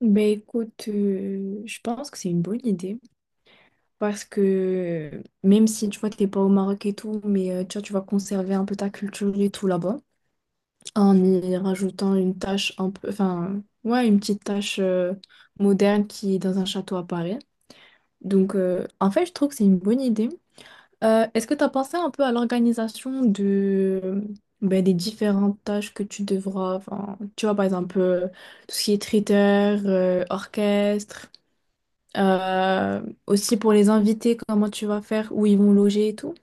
Ben écoute, je pense que c'est une bonne idée parce que même si tu vois t'es pas au Maroc et tout, mais tu vois, tu vas conserver un peu ta culture et tout là-bas en y rajoutant une tâche un peu, enfin ouais une petite tâche moderne qui est dans un château à Paris. Donc en fait je trouve que c'est une bonne idée. Est-ce que tu as pensé un peu à l'organisation de ben, des différentes tâches que tu devras, enfin tu vois par exemple tout ce qui est traiteur, orchestre. Aussi pour les invités, comment tu vas faire, où ils vont loger et tout.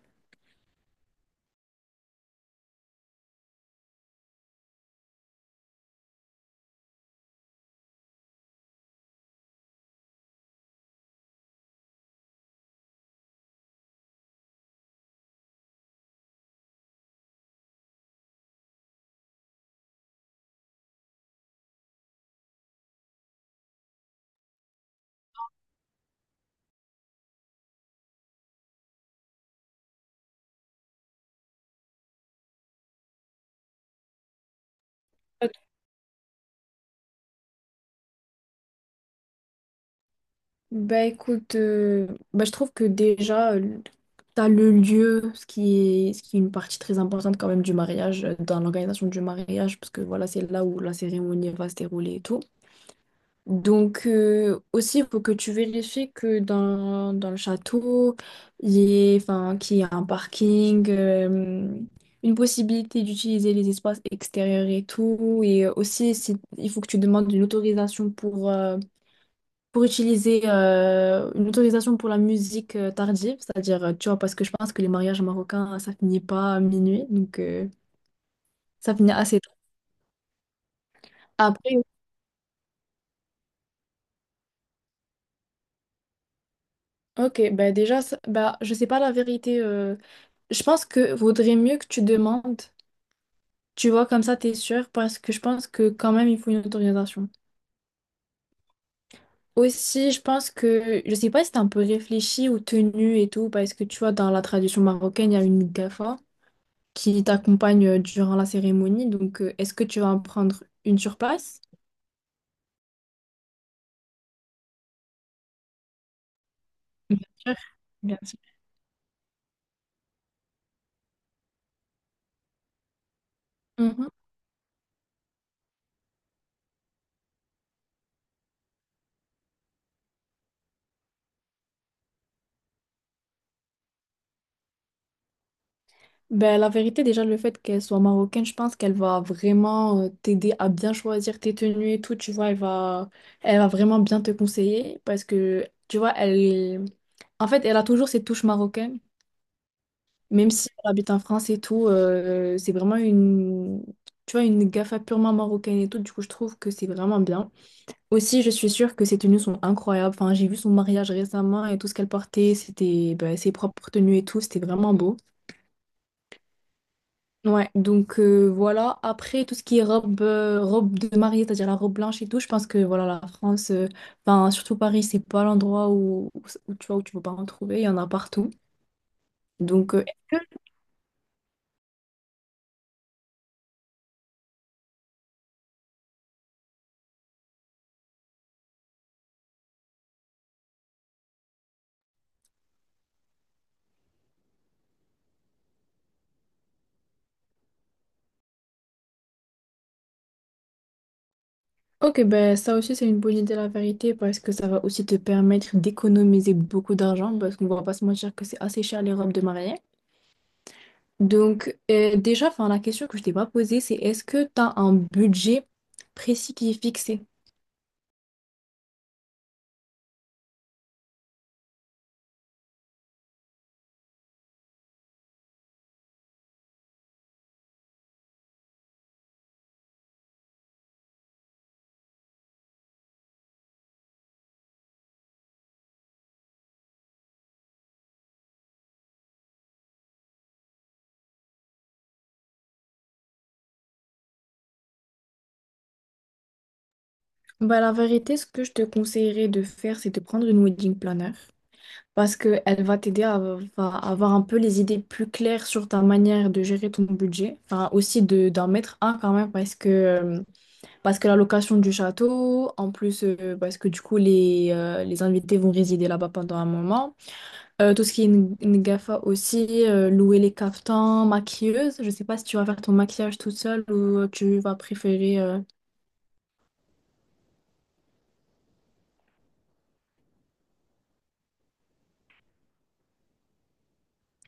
Bah écoute, je trouve que déjà, tu as le lieu, ce qui est une partie très importante quand même du mariage, dans l'organisation du mariage, parce que voilà, c'est là où la cérémonie va se dérouler et tout. Donc aussi, il faut que tu vérifies que dans le château, il y ait, enfin, qu'il y ait un parking, une possibilité d'utiliser les espaces extérieurs et tout. Et aussi, il faut que tu demandes une autorisation pour utiliser une autorisation pour la musique tardive. C'est-à-dire, tu vois, parce que je pense que les mariages marocains, ça finit pas à minuit. Donc, ça finit assez tôt. Après, ok, bah déjà, je sais pas la vérité. Je pense que vaudrait mieux que tu demandes. Tu vois, comme ça, t'es sûr, parce que je pense que quand même, il faut une autorisation. Aussi, je pense que, je sais pas si t'as un peu réfléchi aux tenues et tout, parce que tu vois, dans la tradition marocaine, il y a une gafa qui t'accompagne durant la cérémonie. Donc, est-ce que tu vas en prendre une sur place? Bien sûr, bien sûr. Mhm. Ben, la vérité, déjà, le fait qu'elle soit marocaine, je pense qu'elle va vraiment t'aider à bien choisir tes tenues et tout, tu vois, elle va vraiment bien te conseiller parce que, tu vois, elle, en fait, elle a toujours cette touche marocaine, même si elle habite en France et tout, c'est vraiment une, tu vois, une gafa purement marocaine et tout, du coup, je trouve que c'est vraiment bien. Aussi, je suis sûre que ses tenues sont incroyables, enfin, j'ai vu son mariage récemment et tout ce qu'elle portait, c'était, ben, ses propres tenues et tout, c'était vraiment beau. Ouais, donc voilà. Après, tout ce qui est robe, robe de mariée, c'est-à-dire la robe blanche et tout, je pense que voilà, la France, enfin, surtout Paris, c'est pas l'endroit où tu vois, où tu peux pas en trouver. Il y en a partout. Donc, ok, ben ça aussi, c'est une bonne idée, la vérité, parce que ça va aussi te permettre d'économiser beaucoup d'argent, parce qu'on va pas se mentir que c'est assez cher les robes de mariée. Donc, déjà, enfin, la question que je t'ai pas posée, c'est est-ce que tu as un budget précis qui est fixé? Bah, la vérité, ce que je te conseillerais de faire, c'est de prendre une wedding planner parce qu'elle va à avoir un peu les idées plus claires sur ta manière de gérer ton budget. Enfin, aussi d'en mettre un quand même parce que la location du château, en plus, parce que du coup, les invités vont résider là-bas pendant un moment. Tout ce qui est Ngafa aussi, louer les caftans, maquilleuse. Je sais pas si tu vas faire ton maquillage toute seule ou tu vas préférer...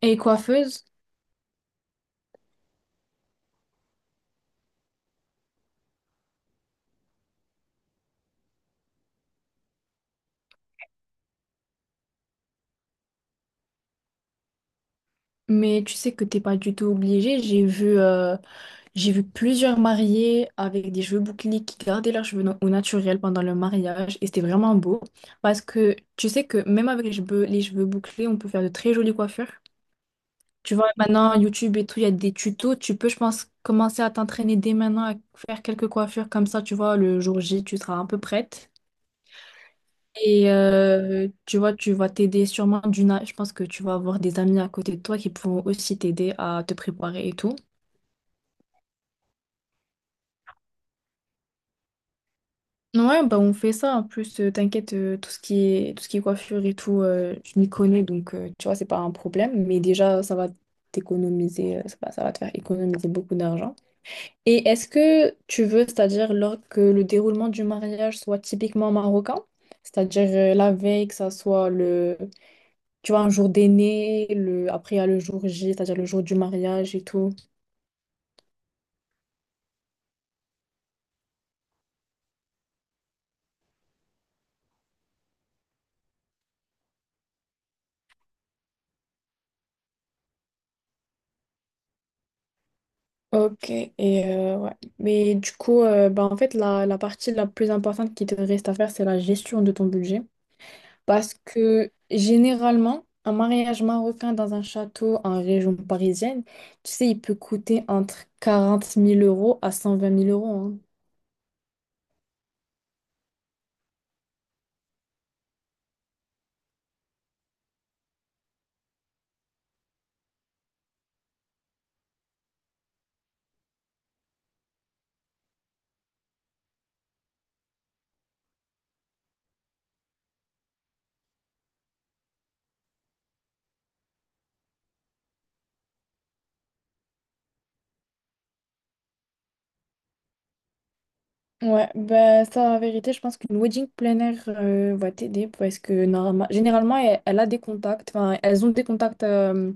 et coiffeuse. Mais tu sais que t'es pas du tout obligé. J'ai vu plusieurs mariés avec des cheveux bouclés qui gardaient leurs cheveux au naturel pendant le mariage et c'était vraiment beau parce que tu sais que même avec les cheveux bouclés, on peut faire de très jolies coiffures. Tu vois, maintenant YouTube et tout, il y a des tutos. Tu peux, je pense, commencer à t'entraîner dès maintenant à faire quelques coiffures comme ça. Tu vois, le jour J, tu seras un peu prête. Et tu vois, tu vas t'aider sûrement d'une. Je pense que tu vas avoir des amis à côté de toi qui pourront aussi t'aider à te préparer et tout. Ouais, bah on fait ça. En plus, t'inquiète, tout ce qui est, tout ce qui est coiffure et tout, je m'y connais, donc tu vois, c'est pas un problème. Mais déjà, ça va te faire économiser beaucoup d'argent. Et est-ce que tu veux, c'est-à-dire lors que le déroulement du mariage soit typiquement marocain, c'est-à-dire la veille, que ça soit le, tu vois, un jour d'aîné, le, après il y a le jour J, c'est-à-dire le jour du mariage et tout. Ok, et ouais. Mais du coup, en fait, la partie la plus importante qui te reste à faire, c'est la gestion de ton budget. Parce que généralement, un mariage marocain dans un château en région parisienne, tu sais, il peut coûter entre 40 000 euros à 120 000 euros, hein. Ouais, bah, ça, en vérité, je pense qu'une wedding planner va t'aider parce que généralement, elle, elle a des contacts, enfin, elles ont des contacts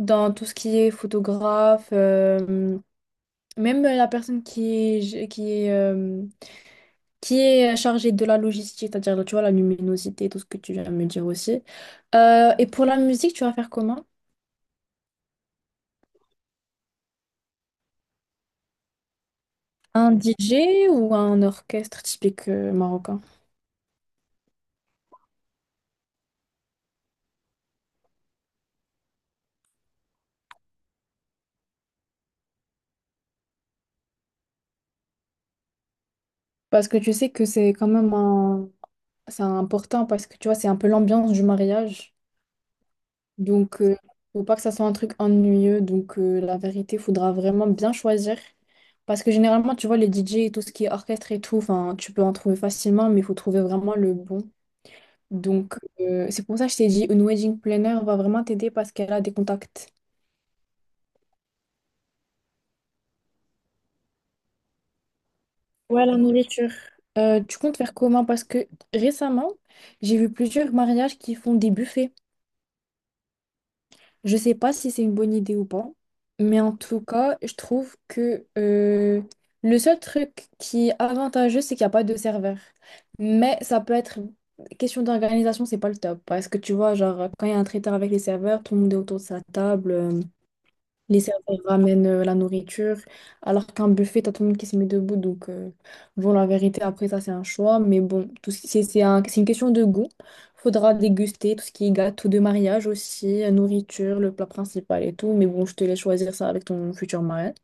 dans tout ce qui est photographe. Même la personne qui est, euh, qui est chargée de la logistique, c'est-à-dire, là, tu vois, la luminosité, tout ce que tu viens de me dire aussi. Et pour la musique, tu vas faire comment? Un DJ ou un orchestre typique marocain? Parce que tu sais que c'est quand même un... c'est important parce que tu vois, c'est un peu l'ambiance du mariage. Donc, faut pas que ça soit un truc ennuyeux. Donc, la vérité, faudra vraiment bien choisir. Parce que généralement, tu vois, les DJ et tout ce qui est orchestre et tout, enfin, tu peux en trouver facilement, mais il faut trouver vraiment le bon. Donc, c'est pour ça que je t'ai dit, une wedding planner va vraiment t'aider parce qu'elle a des contacts. Ouais, la nourriture. Tu comptes faire comment? Parce que récemment, j'ai vu plusieurs mariages qui font des buffets. Je sais pas si c'est une bonne idée ou pas, mais en tout cas, je trouve que le seul truc qui est avantageux, c'est qu'il n'y a pas de serveur. Mais ça peut être question d'organisation, c'est pas le top. Parce que tu vois, genre, quand il y a un traiteur avec les serveurs, tout le monde est autour de sa table. Les serveurs ramènent la nourriture, alors qu'un buffet, t'as tout le monde qui se met debout. Donc, bon, la vérité, après, ça, c'est un choix. Mais bon, tout ce c'est un- c'est une question de goût. Faudra déguster tout ce qui est gâteau de mariage aussi, nourriture, le plat principal et tout. Mais bon, je te laisse choisir ça avec ton futur mari.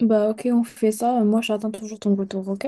Bah, ok, on fait ça. Moi, j'attends toujours ton retour, ok?